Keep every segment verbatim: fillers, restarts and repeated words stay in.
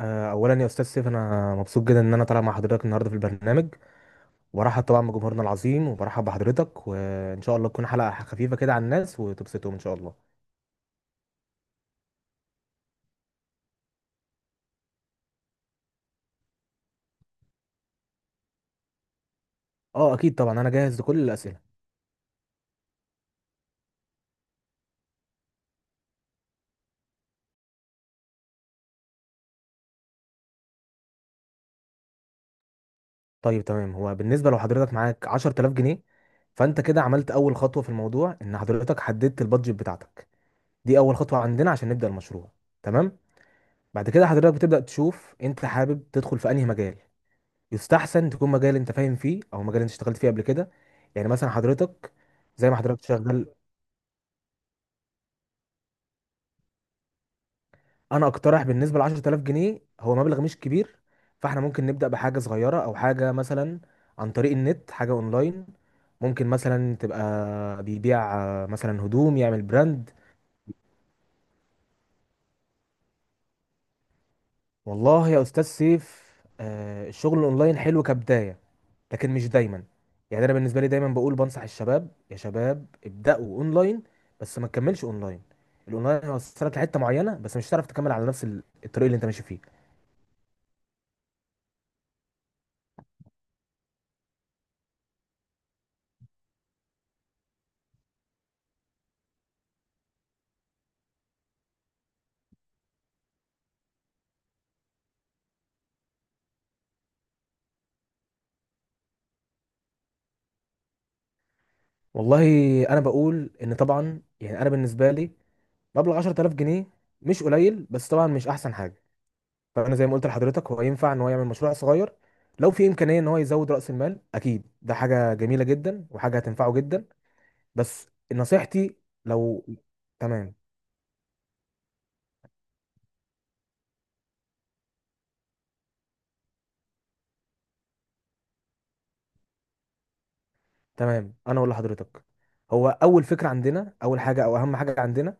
آه، اولا يا استاذ سيف، انا مبسوط جدا ان انا طالع مع حضرتك النهارده في البرنامج، وبرحب طبعا بجمهورنا العظيم، وبرحب بحضرتك، وان شاء الله تكون حلقه خفيفه كده على الناس وتبسطهم ان شاء الله. اه اكيد طبعا، انا جاهز لكل الاسئله. طيب تمام، هو بالنسبه لو حضرتك معاك عشرة آلاف جنيه، فانت كده عملت اول خطوه في الموضوع، ان حضرتك حددت البادجت بتاعتك. دي اول خطوه عندنا عشان نبدا المشروع. تمام. بعد كده حضرتك بتبدا تشوف انت حابب تدخل في انهي مجال. يستحسن تكون مجال انت فاهم فيه او مجال انت اشتغلت فيه قبل كده. يعني مثلا حضرتك زي ما حضرتك شغال. انا اقترح بالنسبه ل عشرة آلاف جنيه، هو مبلغ مش كبير، فاحنا ممكن نبدا بحاجه صغيره او حاجه مثلا عن طريق النت، حاجه اونلاين. ممكن مثلا تبقى بيبيع آه، مثلا هدوم، يعمل براند. والله يا استاذ سيف، آه، الشغل الاونلاين حلو كبدايه، لكن مش دايما. يعني انا بالنسبه لي دايما بقول، بنصح الشباب يا شباب ابداوا اونلاين، بس ما تكملش اونلاين. الاونلاين هيوصلك لحته معينه، بس مش هتعرف تكمل على نفس ال- الطريق اللي انت ماشي فيه. والله انا بقول ان طبعا، يعني انا بالنسبه لي، مبلغ عشرة آلاف جنيه مش قليل، بس طبعا مش احسن حاجه. فانا زي ما قلت لحضرتك، هو ينفع ان هو يعمل مشروع صغير. لو في امكانيه ان هو يزود راس المال، اكيد ده حاجه جميله جدا وحاجه هتنفعه جدا. بس نصيحتي، لو، تمام. تمام، انا ولا حضرتك، هو اول فكره عندنا، اول حاجه او اهم حاجه عندنا،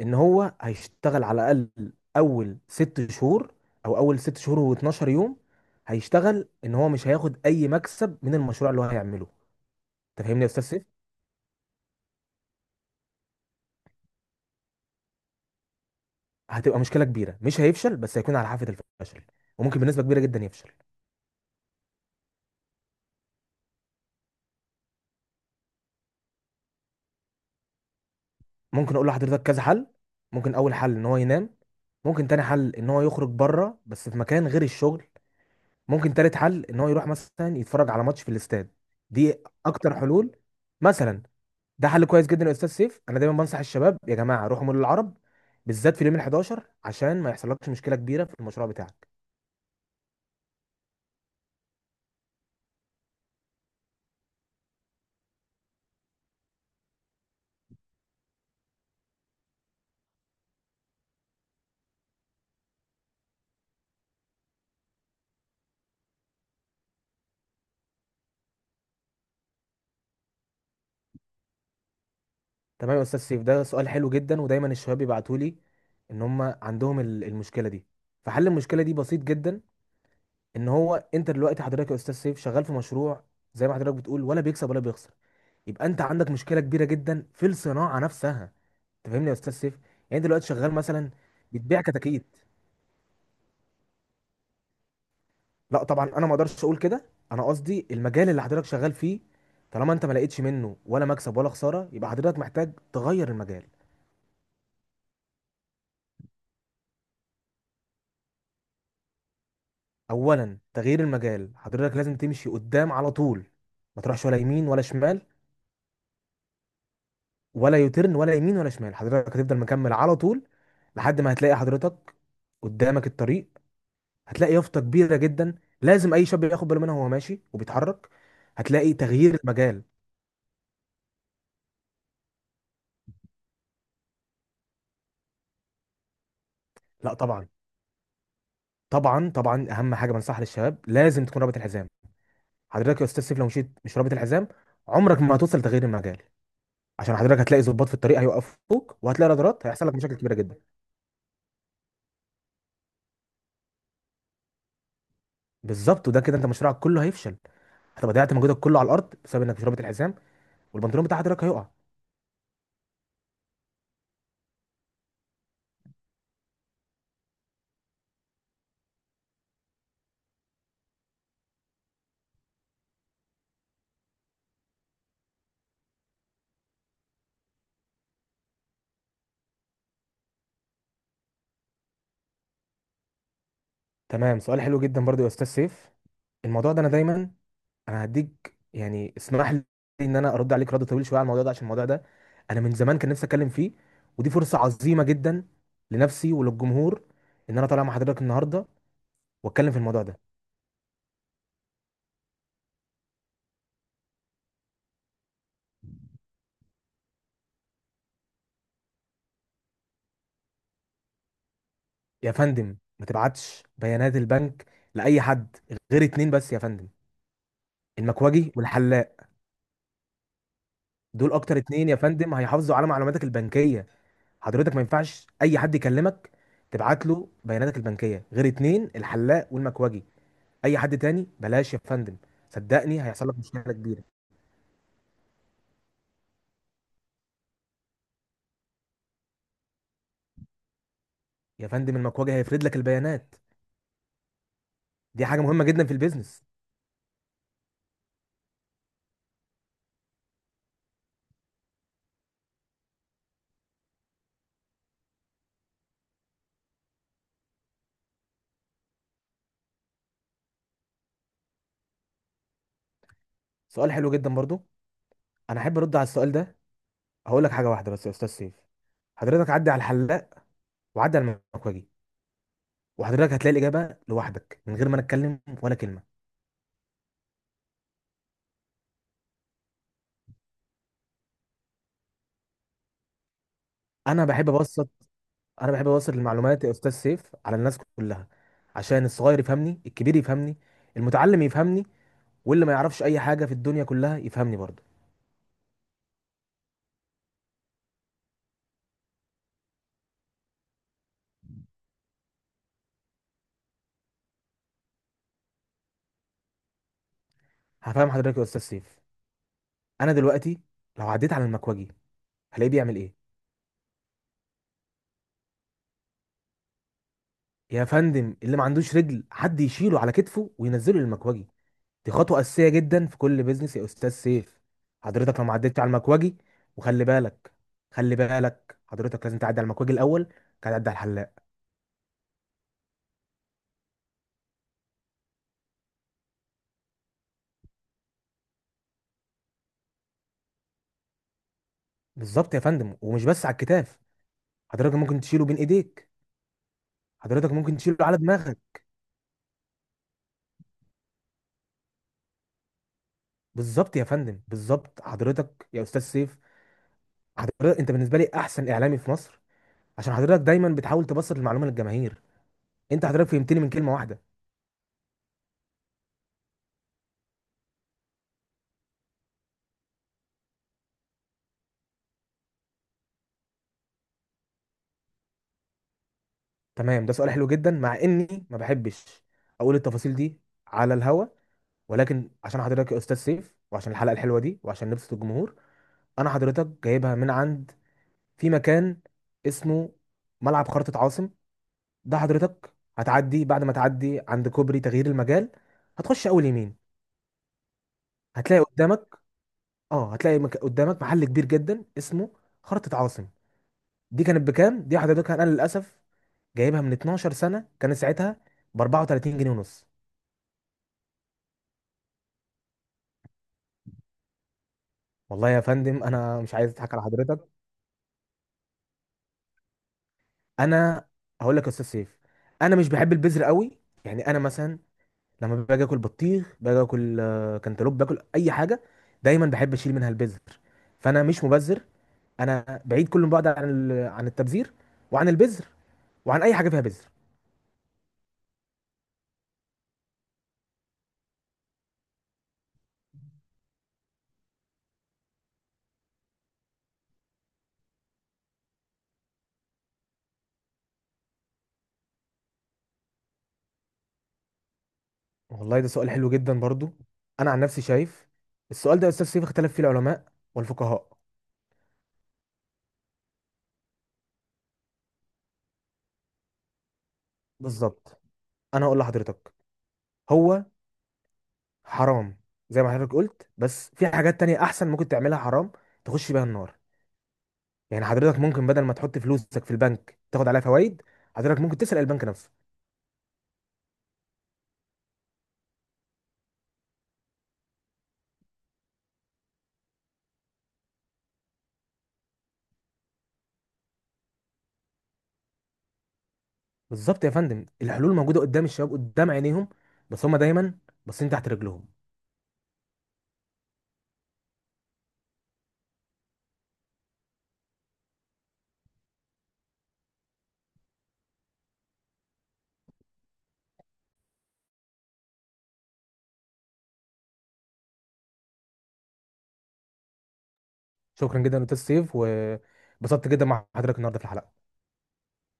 ان هو هيشتغل على الاقل اول ست شهور، او اول ست شهور و12 يوم. هيشتغل ان هو مش هياخد اي مكسب من المشروع اللي هو هيعمله. انت فاهمني يا استاذ سيف؟ هتبقى مشكله كبيره، مش هيفشل، بس هيكون على حافه الفشل، وممكن بنسبه كبيره جدا يفشل. ممكن اقول لحضرتك كذا حل. ممكن اول حل، ان هو ينام. ممكن تاني حل، ان هو يخرج بره، بس في مكان غير الشغل. ممكن تالت حل، ان هو يروح مثلا يتفرج على ماتش في الاستاد. دي اكتر حلول. مثلا ده حل كويس جدا يا استاذ سيف، انا دايما بنصح الشباب يا جماعه روحوا مول العرب، بالذات في اليوم الحداشر عشان ما يحصلكش مشكله كبيره في المشروع بتاعك. تمام يا استاذ سيف، ده سؤال حلو جدا. ودايما الشباب يبعتوا لي ان هم عندهم ال- المشكله دي. فحل المشكله دي بسيط جدا. ان هو انت دلوقتي حضرتك يا استاذ سيف شغال في مشروع، زي ما حضرتك بتقول، ولا بيكسب ولا بيخسر، يبقى انت عندك مشكله كبيره جدا في الصناعه نفسها. انت فاهمني يا استاذ سيف؟ يعني دلوقتي شغال مثلا بتبيع كتاكيت. لا طبعا، انا ما اقدرش اقول كده. انا قصدي المجال اللي حضرتك شغال فيه، طالما انت ما لقيتش منه ولا مكسب ولا خساره، يبقى حضرتك محتاج تغير المجال. اولا تغيير المجال، حضرتك لازم تمشي قدام على طول، ما تروحش ولا يمين ولا شمال. ولا يوترن، ولا يمين ولا شمال، حضرتك هتفضل مكمل على طول، لحد ما هتلاقي حضرتك قدامك الطريق. هتلاقي يافطه كبيره جدا، لازم اي شاب ياخد باله منها وهو ماشي وبيتحرك. هتلاقي تغيير المجال. لا طبعا. طبعا طبعا، اهم حاجه بنصحها للشباب، لازم تكون رابط الحزام. حضرتك يا استاذ سيف، لو مشيت مش رابط الحزام، عمرك ما هتوصل لتغيير المجال، عشان حضرتك هتلاقي ضباط في الطريق هيوقفوك، وهتلاقي رادارات هيحصل لك مشاكل كبيره جدا. بالظبط، وده كده انت مشروعك كله هيفشل. هتبقى ضيعت مجهودك كله على الارض بسبب انك مش رابط الحزام، والبنطلون بتاع حضرتك هيقع. تمام، سؤال حلو جدا برضو يا استاذ سيف. الموضوع ده انا دايما، انا هديك، يعني اسمح لي ان انا ارد عليك رد طويل شويه على الموضوع ده، عشان الموضوع ده انا من زمان كان نفسي اتكلم فيه. ودي فرصه عظيمه جدا لنفسي وللجمهور، ان انا طالع مع حضرتك النهارده واتكلم في الموضوع ده. يا فندم، ما تبعتش بيانات البنك لاي حد، غير اتنين بس يا فندم. المكواجي والحلاق، دول اكتر اتنين يا فندم هيحافظوا على معلوماتك البنكيه. حضرتك ما ينفعش اي حد يكلمك تبعت له بياناتك البنكيه غير اتنين، الحلاق والمكواجي. اي حد تاني بلاش يا فندم، صدقني هيحصل لك مشكله كبيره. يا فندم، المكواجي هيفرد لك البيانات، دي حاجه مهمه جدا في البيزنس. سؤال حلو جدا برضو، انا احب ارد على السؤال ده. هقول لك حاجه واحده بس يا استاذ سيف، حضرتك عدي على الحلاق وعدي على المكواجي، وحضرتك هتلاقي الاجابه لوحدك من غير ما نتكلم ولا كلمه. انا بحب ابسط. انا بحب ابسط المعلومات يا استاذ سيف على الناس كلها، عشان الصغير يفهمني، الكبير يفهمني، المتعلم يفهمني، واللي ما يعرفش اي حاجه في الدنيا كلها يفهمني برضه. هفهم حضرتك يا استاذ سيف. انا دلوقتي لو عديت على المكوجي، هلاقيه بيعمل ايه؟ يا فندم، اللي ما عندوش رجل، حد يشيله على كتفه وينزله للمكوجي. دي خطوه اساسيه جدا في كل بيزنس يا استاذ سيف. حضرتك لو ما عدتش على المكوجي، وخلي بالك، خلي بالك حضرتك لازم تعدي على المكوجي الاول، بعد تعدي على الحلاق. بالظبط يا فندم، ومش بس على الكتاف. حضرتك ممكن تشيله بين ايديك، حضرتك ممكن تشيله على دماغك. بالظبط يا فندم، بالظبط. حضرتك يا استاذ سيف، حضرتك انت بالنسبه لي احسن اعلامي في مصر، عشان حضرتك دايما بتحاول تبسط المعلومه للجماهير. انت حضرتك فهمتني من كلمه واحده. تمام، ده سؤال حلو جدا، مع اني ما بحبش اقول التفاصيل دي على الهوا. ولكن عشان حضرتك يا استاذ سيف، وعشان الحلقه الحلوه دي، وعشان نبسط الجمهور، انا حضرتك جايبها من عند، في مكان اسمه ملعب خرطة عاصم. ده حضرتك هتعدي بعد ما تعدي عند كوبري تغيير المجال، هتخش اول يمين، هتلاقي قدامك، اه هتلاقي مك... قدامك محل كبير جدا اسمه خرطة عاصم. دي كانت بكام دي؟ حضرتك انا للاسف جايبها من اتناشر سنه، كانت ساعتها ب اربعه وتلاتين جنيه ونص. والله يا فندم، انا مش عايز اضحك على حضرتك. انا هقول لك يا استاذ سيف، انا مش بحب البذر قوي. يعني انا مثلا لما باجي اكل بطيخ، باجي اكل آه، كانتالوب، باكل اي حاجه، دايما بحب اشيل منها البذر. فانا مش مبذر، انا بعيد كل بعد عن ال- عن التبذير، وعن البذر، وعن اي حاجه فيها بذر. والله ده سؤال حلو جدا برضو. انا عن نفسي شايف السؤال ده يا استاذ سيف اختلف فيه العلماء والفقهاء. بالظبط، انا هقول لحضرتك، هو حرام زي ما حضرتك قلت، بس في حاجات تانية احسن ممكن تعملها حرام تخش بيها النار. يعني حضرتك ممكن بدل ما تحط فلوسك في البنك تاخد عليها فوائد، حضرتك ممكن تسرق البنك نفسه. بالظبط يا فندم، الحلول موجودة قدام الشباب قدام عينيهم، بس هما دايما باصين تحت رجلهم. شكرا جدا يا استاذ سيف، وبسطت جدا مع حضرتك النهارده في الحلقة.